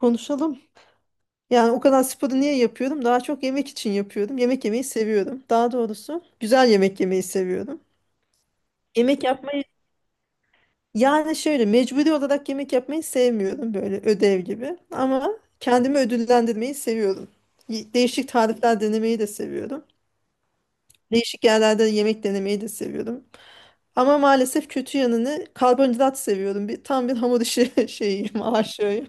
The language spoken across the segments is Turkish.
Konuşalım. Yani o kadar sporu niye yapıyorum? Daha çok yemek için yapıyorum. Yemek yemeyi seviyorum. Daha doğrusu güzel yemek yemeyi seviyorum. Yemek yapmayı yani şöyle mecburi olarak yemek yapmayı sevmiyorum böyle ödev gibi. Ama kendimi ödüllendirmeyi seviyorum. Değişik tarifler denemeyi de seviyorum. Değişik yerlerde yemek denemeyi de seviyorum. Ama maalesef kötü yanını karbonhidrat seviyorum. Bir, tam bir hamur işi şeyim, aşığıyım.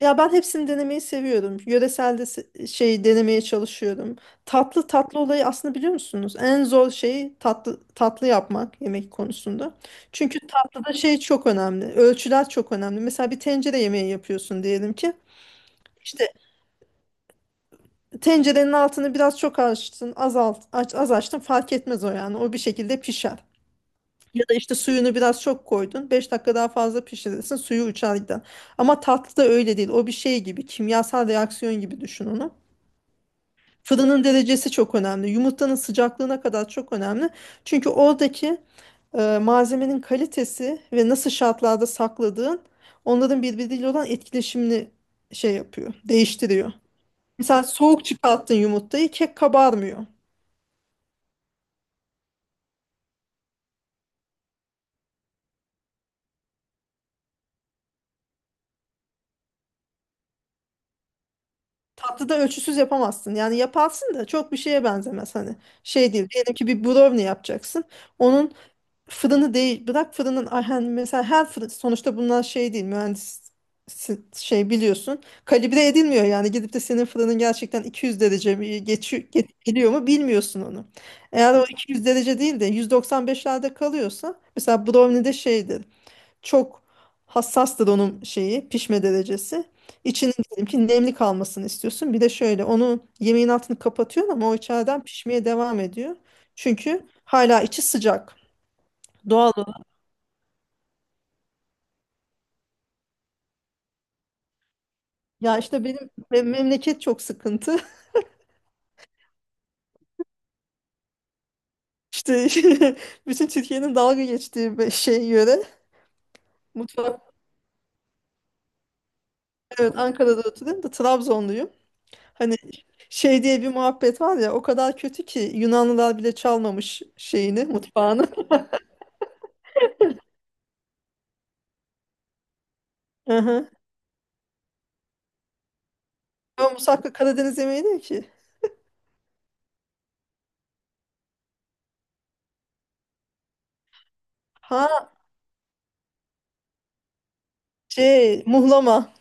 Ya ben hepsini denemeyi seviyorum. Yöresel de şey denemeye çalışıyorum. Tatlı tatlı olayı aslında biliyor musunuz? En zor şeyi tatlı tatlı yapmak yemek konusunda. Çünkü tatlıda şey çok önemli. Ölçüler çok önemli. Mesela bir tencere yemeği yapıyorsun diyelim ki. İşte tencerenin altını biraz çok açtın, azalt, aç, az açtın fark etmez o yani. O bir şekilde pişer. Ya da işte suyunu biraz çok koydun, 5 dakika daha fazla pişirirsin suyu uçar gider. Ama tatlı da öyle değil. O bir şey gibi kimyasal reaksiyon gibi düşün onu. Fırının derecesi çok önemli. Yumurtanın sıcaklığına kadar çok önemli. Çünkü oradaki malzemenin kalitesi ve nasıl şartlarda sakladığın onların birbiriyle olan etkileşimini şey yapıyor, değiştiriyor. Mesela soğuk çıkarttın yumurtayı kek kabarmıyor. Tatlıda ölçüsüz yapamazsın. Yani yaparsın da çok bir şeye benzemez hani. Şey değil. Diyelim ki bir brownie yapacaksın. Onun fırını değil. Bırak fırının ay hani mesela her fırın sonuçta bunlar şey değil. Mühendis şey biliyorsun. Kalibre edilmiyor yani. Gidip de senin fırının gerçekten 200 derece mi geçiyor, geliyor mu bilmiyorsun onu. Eğer o 200 derece değil de 195'lerde kalıyorsa mesela brownie'de şeydir çok hassas onun şeyi pişme derecesi. İçinin diyelim ki nemli kalmasını istiyorsun. Bir de şöyle onu yemeğin altını kapatıyorsun ama o içeriden pişmeye devam ediyor. Çünkü hala içi sıcak. Doğal olarak. Ya işte benim memleket çok sıkıntı. İşte bütün Türkiye'nin dalga geçtiği bir şey yöre. Mutfak. Evet, Ankara'da oturuyorum da Trabzonluyum. Hani şey diye bir muhabbet var ya, o kadar kötü ki Yunanlılar bile çalmamış şeyini, mutfağını. Ama musakka Karadeniz yemeği değil ki. Ha, şey, muhlama.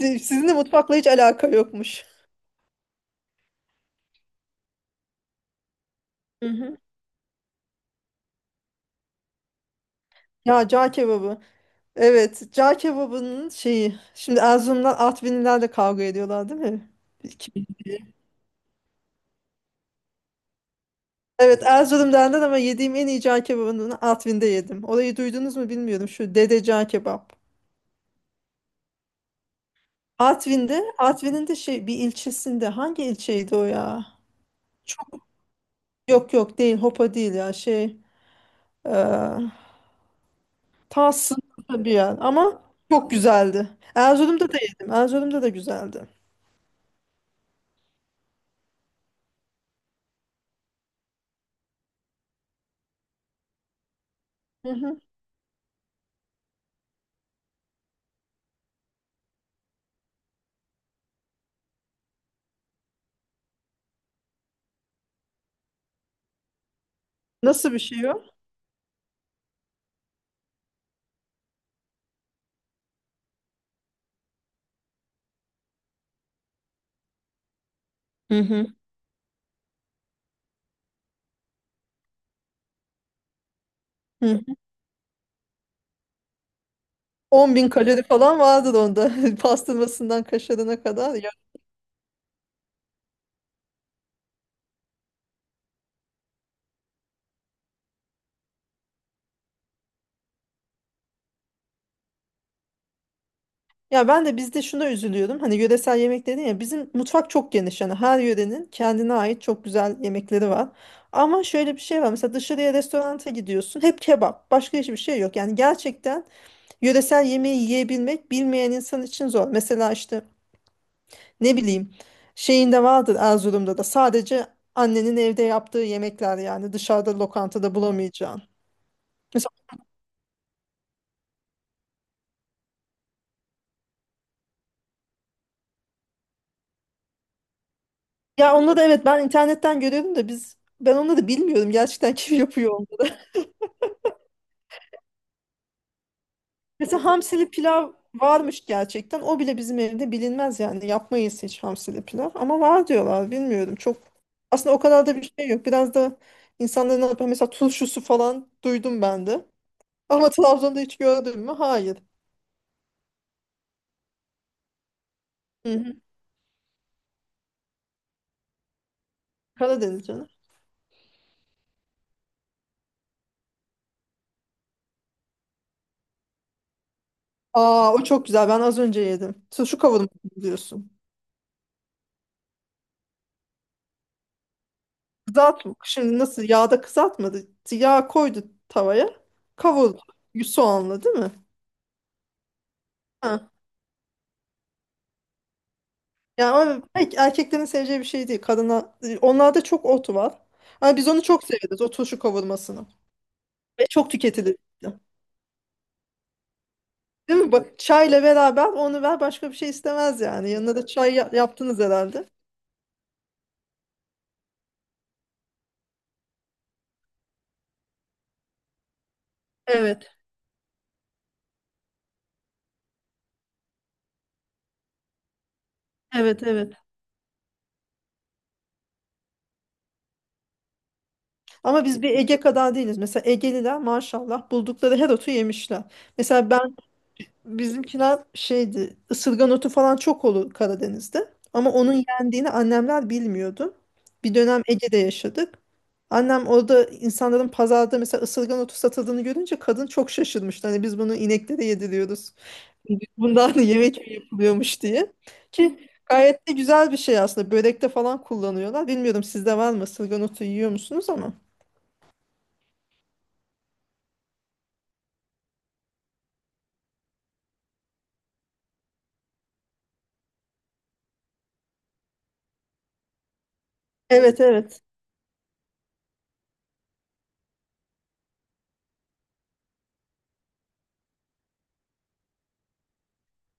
Sizin de mutfakla hiç alaka yokmuş. Hı hı. Ya, cağ kebabı. Evet, cağ kebabının şeyi. Şimdi Erzurum'dan Artvinliler de kavga ediyorlar değil mi? Kim? Evet, Erzurum'dan ama yediğim en iyi cağ kebabını Artvin'de yedim. Orayı duydunuz mu bilmiyorum. Şu Dede Cağ Kebap. Artvin'de, Artvin'in de şey bir ilçesinde. Hangi ilçeydi o ya? Çok, yok yok değil, Hopa değil ya, şey. Ta sınırlı bir yer ama çok güzeldi. Erzurum'da da yedim. Erzurum'da da güzeldi. Hı hı. Nasıl bir şey o? Hı hı. Hı. 10 bin kalori falan vardır onda. Pastırmasından kaşarına kadar. Ya, ya ben de bizde şuna üzülüyorum. Hani yöresel yemek dedin ya, bizim mutfak çok geniş. Yani her yörenin kendine ait çok güzel yemekleri var. Ama şöyle bir şey var. Mesela dışarıya restoranta gidiyorsun. Hep kebap. Başka hiçbir şey yok. Yani gerçekten yöresel yemeği yiyebilmek bilmeyen insan için zor. Mesela işte ne bileyim, şeyinde vardır Erzurum'da da, sadece annenin evde yaptığı yemekler yani, dışarıda lokantada bulamayacağın. Mesela, ya onları da, evet, ben internetten görüyorum da biz, ben onları da bilmiyorum gerçekten kim yapıyor onları. Mesela hamsili pilav varmış, gerçekten o bile bizim evde bilinmez yani, yapmayız hiç hamsili pilav, ama var diyorlar, bilmiyorum. Çok aslında o kadar da bir şey yok, biraz da insanların ne yapıyor mesela, turşusu falan duydum ben de, ama Trabzon'da hiç gördün mü? Hayır. Hı hı. Karadeniz canım. Aa, o çok güzel. Ben az önce yedim. Şu kavurma diyorsun. Şimdi nasıl yağda kızartmadı. Yağ koydu tavaya. Kavurdu. Soğanla değil mi? Ha. Yani ama pek erkeklerin seveceği bir şey değil. Kadına, onlarda çok ot var. Ama biz onu çok severiz. O turşu kavurmasını. Ve çok tüketilir. Değil mi? Bak çayla beraber onu ver, başka bir şey istemez yani. Yanına da çay yaptınız herhalde. Evet, evet, evet. Ama biz bir Ege kadar değiliz. Mesela Egeliler maşallah buldukları her otu yemişler. Mesela ben, bizimkiler şeydi, ısırgan otu falan çok olur Karadeniz'de. Ama onun yendiğini annemler bilmiyordu. Bir dönem Ege'de yaşadık. Annem orada insanların pazarda mesela ısırgan otu satıldığını görünce kadın çok şaşırmıştı. Hani biz bunu ineklere yediriyoruz. Bundan da yemek mi yapılıyormuş diye. Ki gayet de güzel bir şey aslında. Börekte falan kullanıyorlar. Bilmiyorum, sizde var mı? Isırgan otu yiyor musunuz ama? Evet, evet.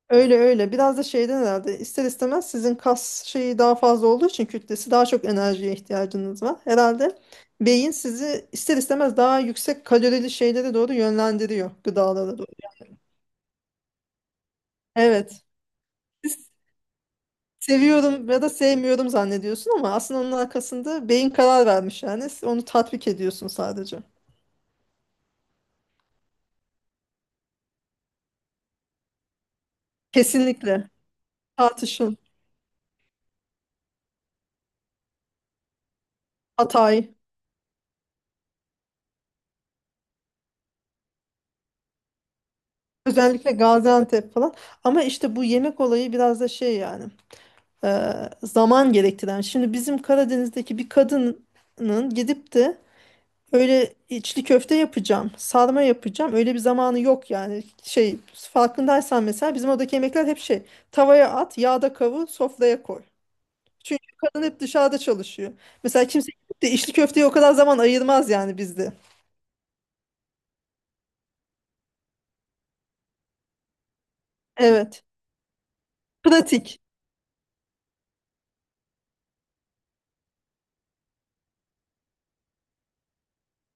Öyle öyle. Biraz da şeyden herhalde, ister istemez sizin kas şeyi daha fazla olduğu için, kütlesi, daha çok enerjiye ihtiyacınız var. Herhalde beyin sizi ister istemez daha yüksek kalorili şeylere doğru yönlendiriyor, gıdalara doğru. Evet. Siz seviyorum ya da sevmiyorum zannediyorsun ama aslında onun arkasında beyin karar vermiş yani. Siz onu tatbik ediyorsun sadece. Kesinlikle. Tartışın. Hatay. Özellikle Gaziantep falan. Ama işte bu yemek olayı biraz da şey yani, e, zaman gerektiren. Şimdi bizim Karadeniz'deki bir kadının gidip de öyle içli köfte yapacağım, sarma yapacağım, öyle bir zamanı yok yani. Şey, farkındaysan mesela bizim oradaki yemekler hep şey: tavaya at, yağda kavur, sofraya koy. Çünkü kadın hep dışarıda çalışıyor. Mesela kimse gidip de içli köfteye o kadar zaman ayırmaz yani bizde. Evet. Pratik.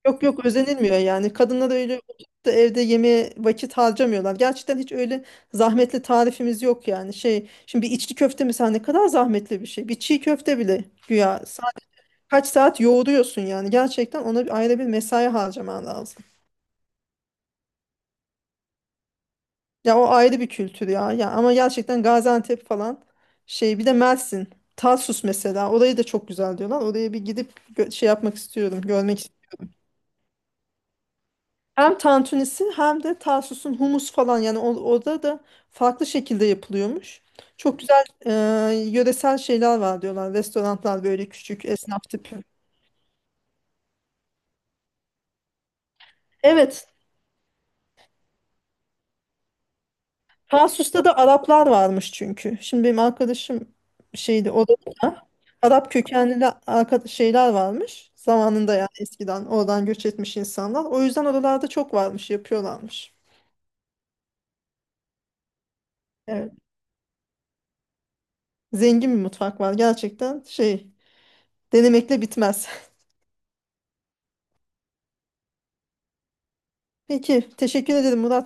Yok yok, özenilmiyor yani. Kadınlar da öyle oturup da evde yemeğe vakit harcamıyorlar. Gerçekten hiç öyle zahmetli tarifimiz yok yani. Şey, şimdi bir içli köfte mesela ne kadar zahmetli bir şey. Bir çiğ köfte bile güya kaç saat yoğuruyorsun yani. Gerçekten ona bir ayrı bir mesai harcaman lazım. Ya o ayrı bir kültür ya. Ya ama gerçekten Gaziantep falan, şey, bir de Mersin, Tarsus mesela, orayı da çok güzel diyorlar. Oraya bir gidip şey yapmak istiyorum, görmek. Hem tantunisi hem de Tarsus'un humus falan yani, orada da farklı şekilde yapılıyormuş. Çok güzel yöresel şeyler var diyorlar. Restoranlar böyle küçük esnaf tipi. Evet. Tarsus'ta da Araplar varmış çünkü. Şimdi benim arkadaşım şeydi orada da, Arap kökenli şeyler varmış. Zamanında yani eskiden oradan göç etmiş insanlar. O yüzden oralarda çok varmış, yapıyorlarmış. Evet. Zengin bir mutfak var. Gerçekten şey, denemekle bitmez. Peki, teşekkür ederim Murat.